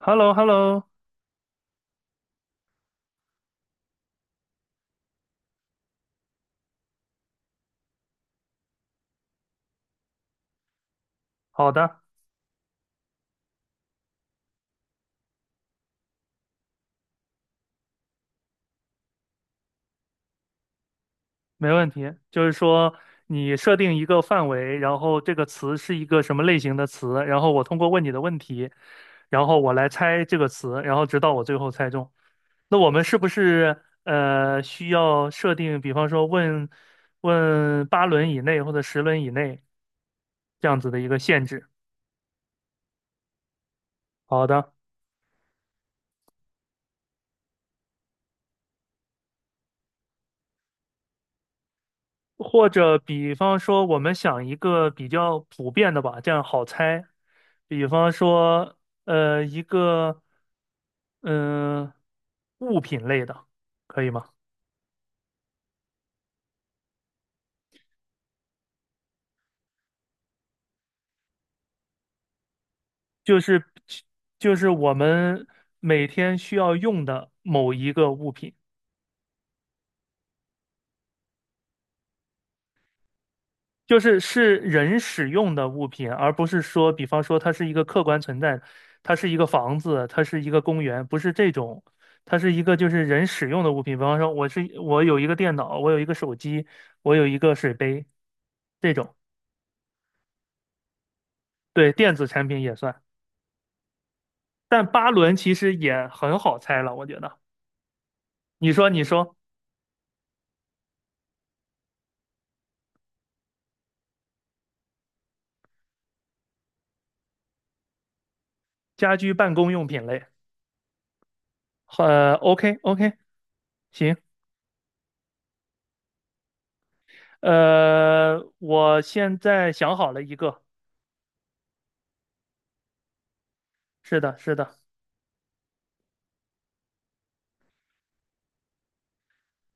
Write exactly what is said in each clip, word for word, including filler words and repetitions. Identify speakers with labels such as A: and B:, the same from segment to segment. A: h e l l o h e l l o 好的，没问题。就是说，你设定一个范围，然后这个词是一个什么类型的词，然后我通过问你的问题，然后我来猜这个词，然后直到我最后猜中。那我们是不是呃需要设定，比方说问问八轮以内或者十轮以内这样子的一个限制？好的。或者比方说，我们想一个比较普遍的吧，这样好猜。比方说，呃，一个嗯、呃物品类的，可以吗？就是就是我们每天需要用的某一个物品。就是是人使用的物品，而不是说，比方说它是一个客观存在，它是一个房子，它是一个公园，不是这种，它是一个就是人使用的物品。比方说，我是我有一个电脑，我有一个手机，我有一个水杯，这种，对，电子产品也算。但八轮其实也很好猜了，我觉得。你说，你说，家居办公用品类，呃，OK OK,行，呃，我现在想好了一个，是的，是的。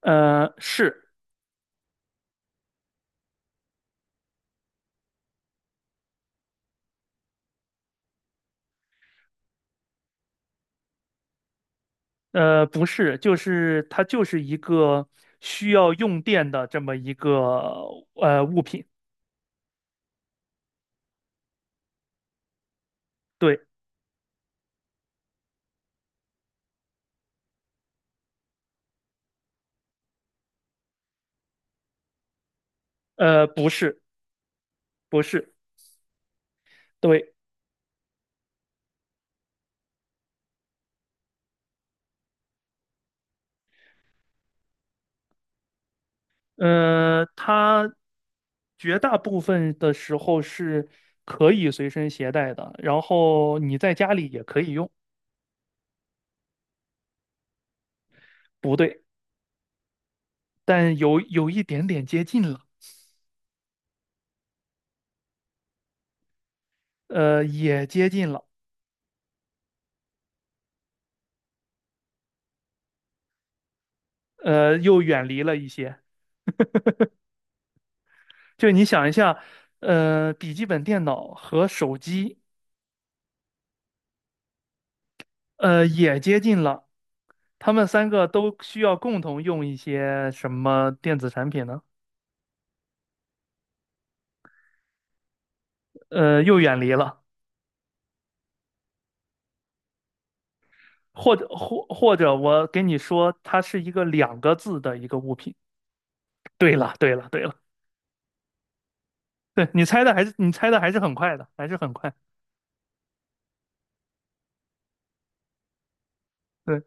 A: 呃，是，呃，不是，就是它就是一个需要用电的这么一个呃物品，对，呃，不是，不是，对，呃，它绝大部分的时候是可以随身携带的，然后你在家里也可以用，不对，但有有一点点接近了，呃，也接近了，呃，又远离了一些。就你想一下，呃，笔记本电脑和手机。呃，也接近了。他们三个都需要共同用一些什么电子产品呢？呃，又远离了，或者或或者我给你说，它是一个两个字的一个物品。对了，对了，对了，对，你猜的还是你猜的还是很快的，还是很快。对，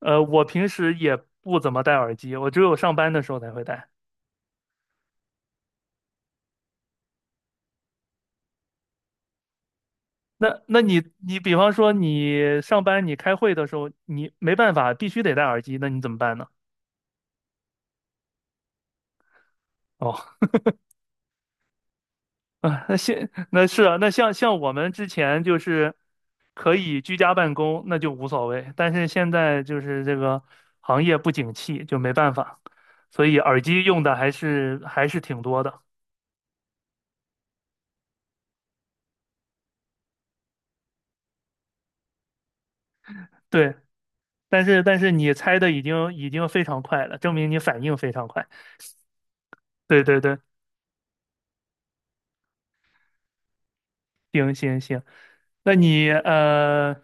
A: 呃，我平时也不怎么戴耳机，我只有上班的时候才会戴。那那你你比方说你上班你开会的时候，你没办法必须得戴耳机，那你怎么办呢？哦。啊，那现那是啊，那像像我们之前就是可以居家办公，那就无所谓。但是现在就是这个行业不景气，就没办法，所以耳机用的还是还是挺多的。对，但是但是你猜的已经已经非常快了，证明你反应非常快。对对对，行行行，那你呃，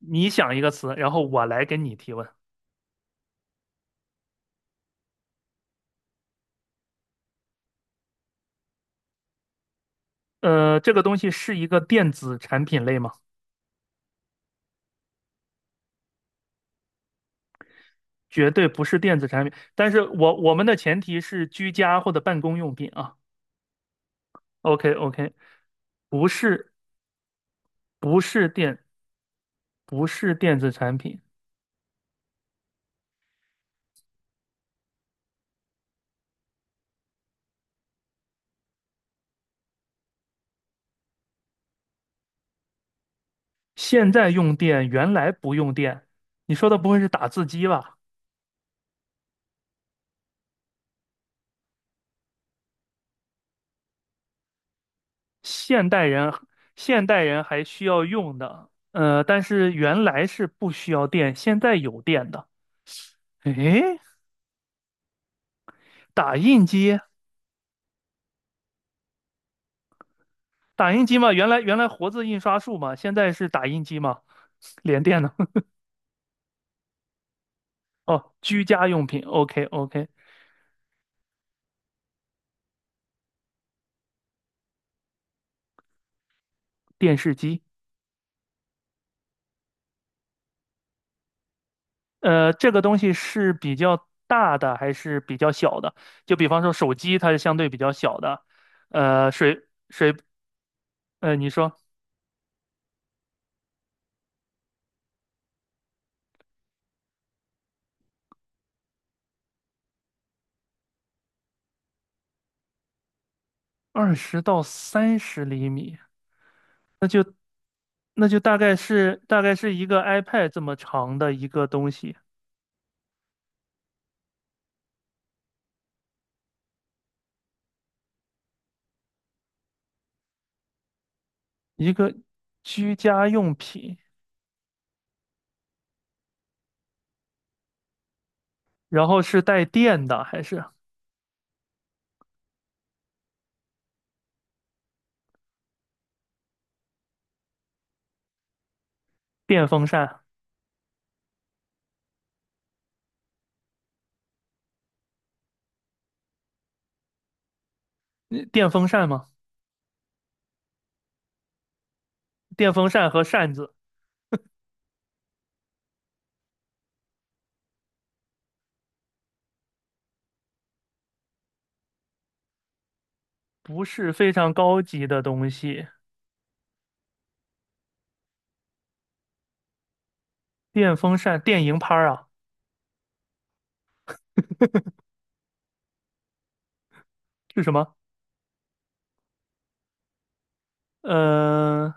A: 你想一个词，然后我来给你提问。呃，这个东西是一个电子产品类吗？绝对不是电子产品，但是我我们的前提是居家或者办公用品啊。OK OK,不是不是电不是电子产品，现在用电，原来不用电。你说的不会是打字机吧？现代人现代人还需要用的，呃，但是原来是不需要电，现在有电的。诶，打印机打印机嘛，原来原来活字印刷术嘛，现在是打印机嘛，连电的。哦，居家用品，OK OK,电视机，呃，这个东西是比较大的还是比较小的？就比方说手机，它是相对比较小的，呃，水，呃，你说二十到三十厘米，那就大概是大概是一个 iPad 这么长的一个东西，一个居家用品，然后是带电的还是电风扇？嗯电风扇吗？电风扇和扇子不是非常高级的东西。电风扇、电蝇拍儿啊，是什么？呃，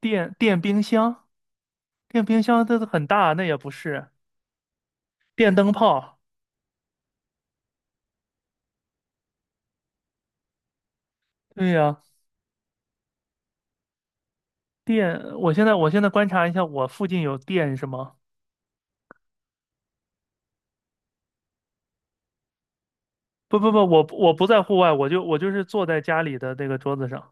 A: 电电冰箱，电冰箱它很大，那也不是电灯泡。对呀，电，我现在我现在观察一下，我附近有电是吗？不不不，我不我不在户外，我就我就是坐在家里的那个桌子上。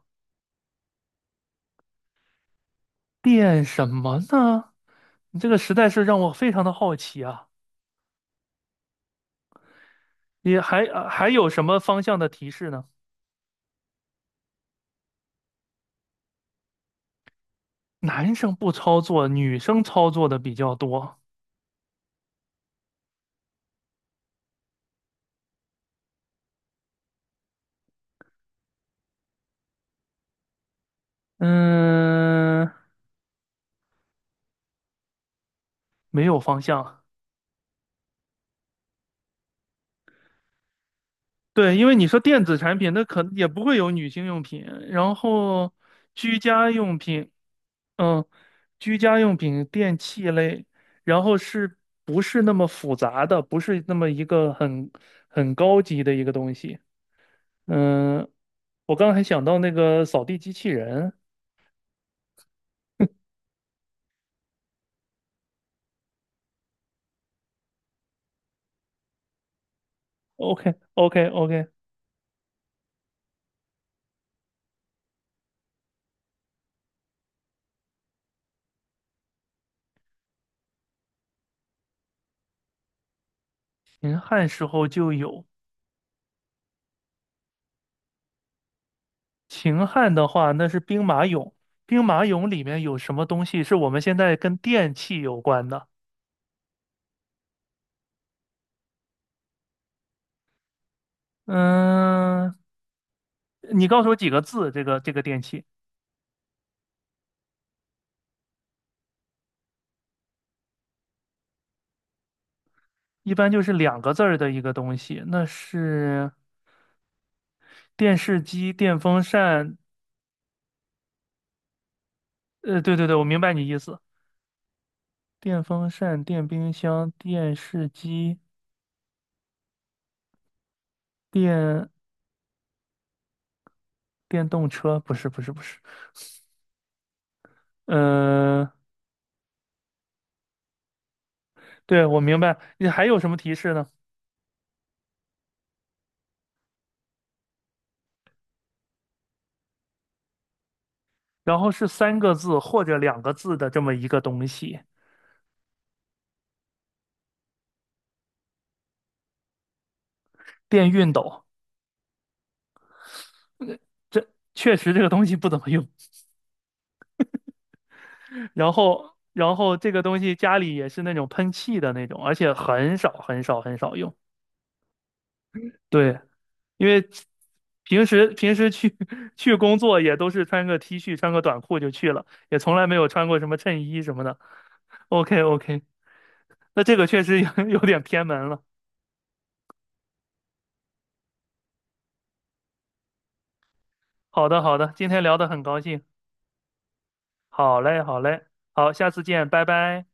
A: 电什么呢？你这个实在是让我非常的好奇啊！你还呃还有什么方向的提示呢？男生不操作，女生操作的比较多。嗯，没有方向。对，因为你说电子产品，那可能也不会有女性用品，然后居家用品，嗯，居家用品、电器类，然后是不是那么复杂的，不是那么一个很很高级的一个东西。嗯，我刚才想到那个扫地机器人，OK OK OK,秦汉时候就有，秦汉的话那是兵马俑，兵马俑里面有什么东西是我们现在跟电器有关的？嗯，你告诉我几个字？这个这个电器一般就是两个字儿的一个东西，那是电视机、电风扇。呃，对对对，我明白你意思。电风扇、电冰箱、电视机、电电动车，不是不是不是。呃，对，我明白。你还有什么提示呢？然后是三个字或者两个字的这么一个东西，电熨斗。这确实这个东西不怎么用。然后然后这个东西家里也是那种喷气的那种，而且很少很少很少用。对，因为平时平时去 去工作也都是穿个 T 恤穿个短裤就去了，也从来没有穿过什么衬衣什么的。OK OK，那这个确实有 有点偏门了。好的好的，今天聊得很高兴。好嘞好嘞，好，下次见，拜拜。